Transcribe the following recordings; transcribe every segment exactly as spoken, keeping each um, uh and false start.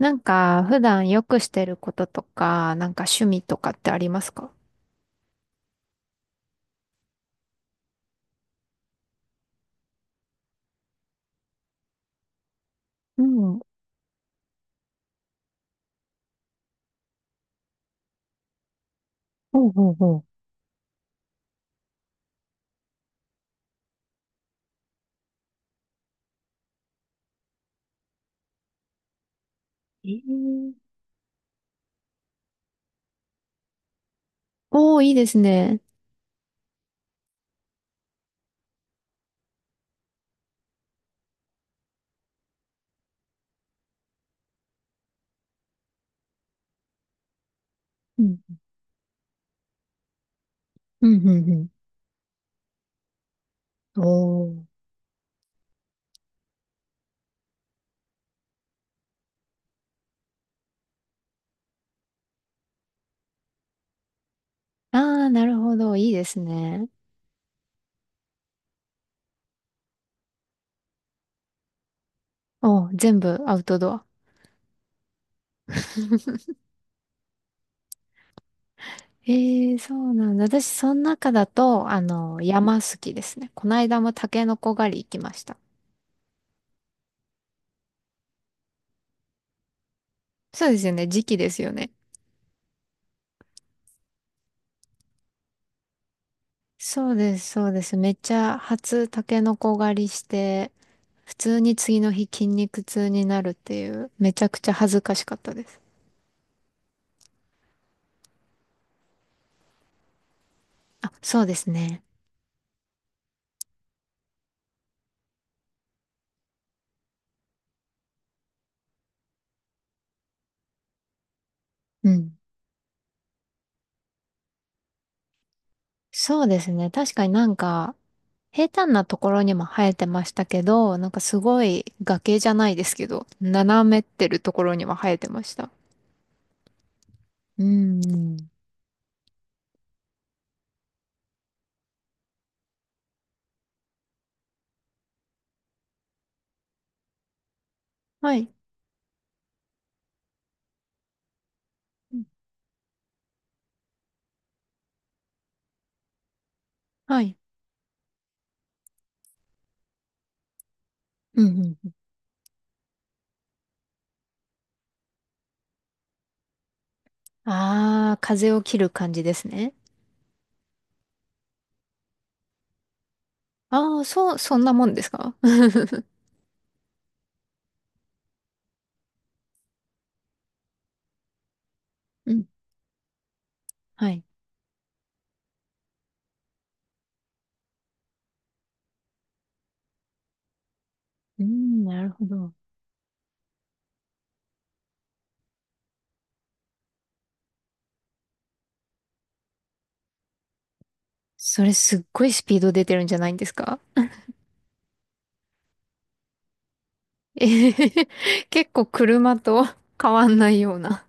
なんか、普段よくしてることとか、なんか趣味とかってありますか？うん。ほうほうほう。ええ。おー、いいですね。うん。うん、うん、うん。おー。あー、なるほど。いいですね。おー、全部アウトドア。えー、そうなんだ。私、その中だと、あの、山好きですね。この間もタケノコ狩り行きました。そうですよね。時期ですよね。そうです、そうです。めっちゃ初タケノコ狩りして、普通に次の日筋肉痛になるっていう、めちゃくちゃ恥ずかしかったです。あ、そうですね。うん。そうですね。確かになんか、平坦なところにも生えてましたけど、なんかすごい崖じゃないですけど、斜めってるところにも生えてました。うん。はい。うん。はいはい。うんうんうん。ああ、風を切る感じですね。ああ、そう、そんなもんですか？ うん。はい。うん、なるほど。それすっごいスピード出てるんじゃないんですか？ええ。 結構車と変わんないような。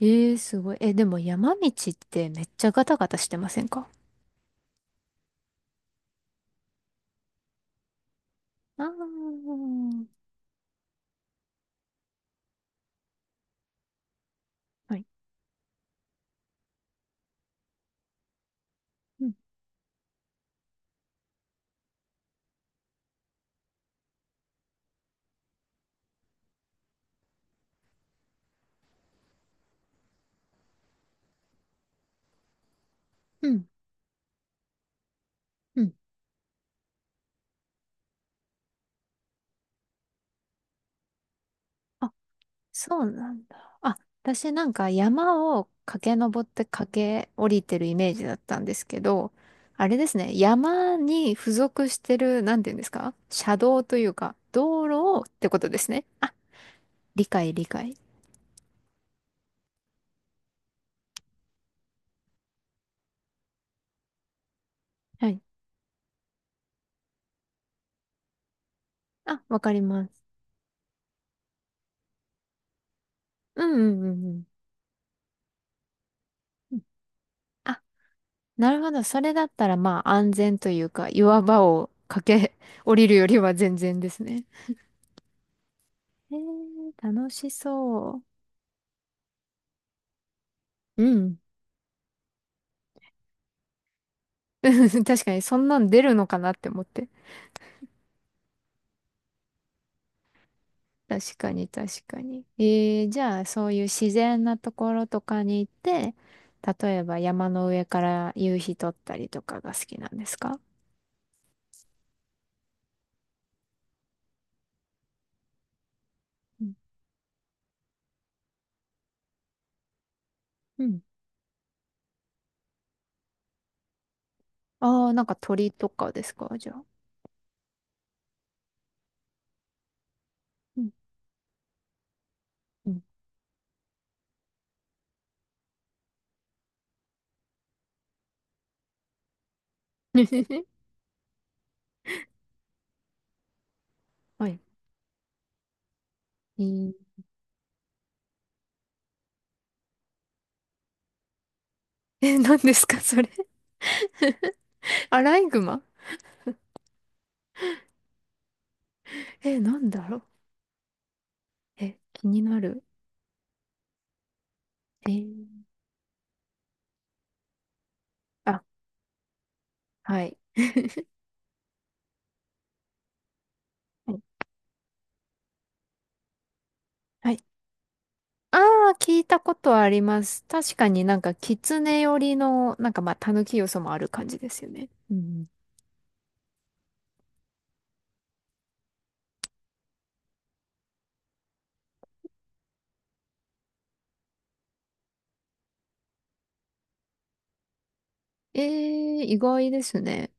ええ、すごい。え、でも山道ってめっちゃガタガタしてませんか？ああー、はい。うん、うん、うん。あ、そうなんだ。あ、私なんか山を駆け上って駆け降りてるイメージだったんですけど、あれですね。山に付属してる、なんていうんですか、車道というか、道路をってことですね。あ、理解、理解。はい。あ、わかります。うん、うん、うん、うん。あ、なるほど。それだったらまあ安全というか、岩場を駆け降りるよりは全然ですね。えー、楽しそう。うん。確かに、そんなん出るのかなって思って。確かに、確かに。えー、じゃあ、そういう自然なところとかに行って、例えば山の上から夕日撮ったりとかが好きなんですか？うん。うん。ああ、なんか鳥とかですか、じゃあ。うん。うん。はい。えー、え、何ですかそれ？アライグマ。え、なんだろう。え、気になる。えー。あ、はい。はいはい。ああ、聞いたことあります。確かになんか、狐寄りの、なんかまあ、狸要素もある感じですよね。うん。えー、意外ですね。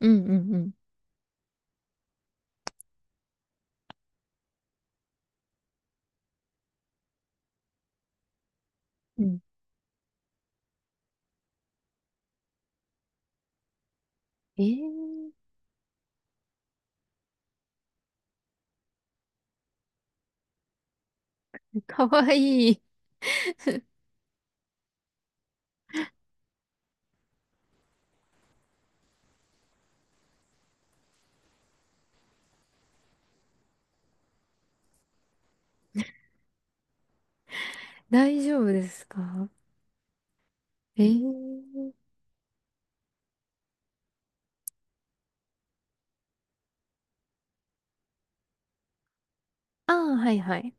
うんうんうん。うん。えー、かわいい。大丈夫ですか？えー。ああ、はいはい。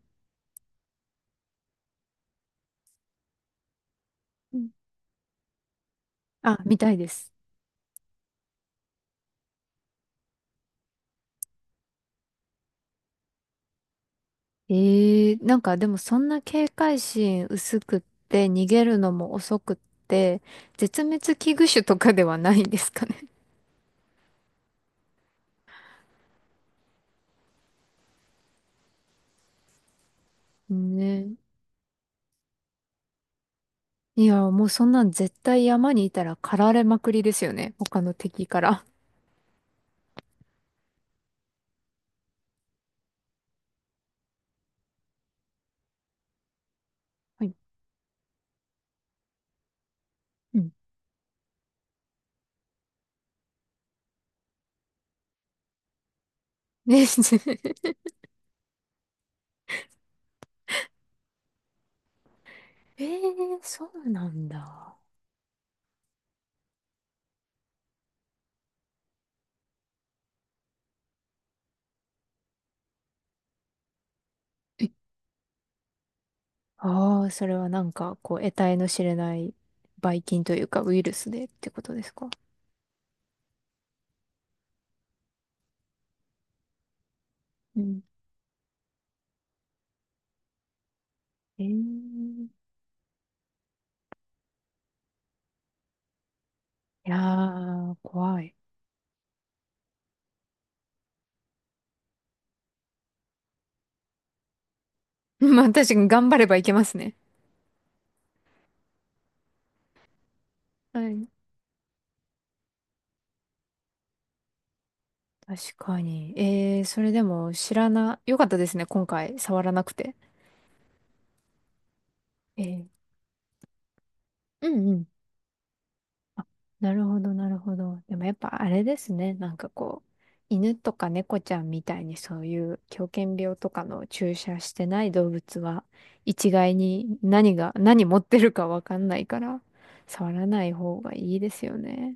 うん。あ、見たいです。ええ、なんかでもそんな警戒心薄くって逃げるのも遅くって絶滅危惧種とかではないんですかね。ね。え。いや、もうそんなん絶対山にいたら狩られまくりですよね。他の敵から。はい。うん。ね。 ええ、そうなんだ。ああ、それはなんか、こう、得体の知れないばい菌というか、ウイルスでってことですか？うん。ええ。いやー、怖い。まあ、確かに頑張ればいけますね。はい。確かに。えー、それでも知らな、よかったですね、今回、触らなくて。えー、うんうん。あ、なるほど、なるほど。でもやっぱあれですね、なんかこう、犬とか猫ちゃんみたいにそういう狂犬病とかの注射してない動物は、一概に何が、何持ってるかわかんないから、触らない方がいいですよね。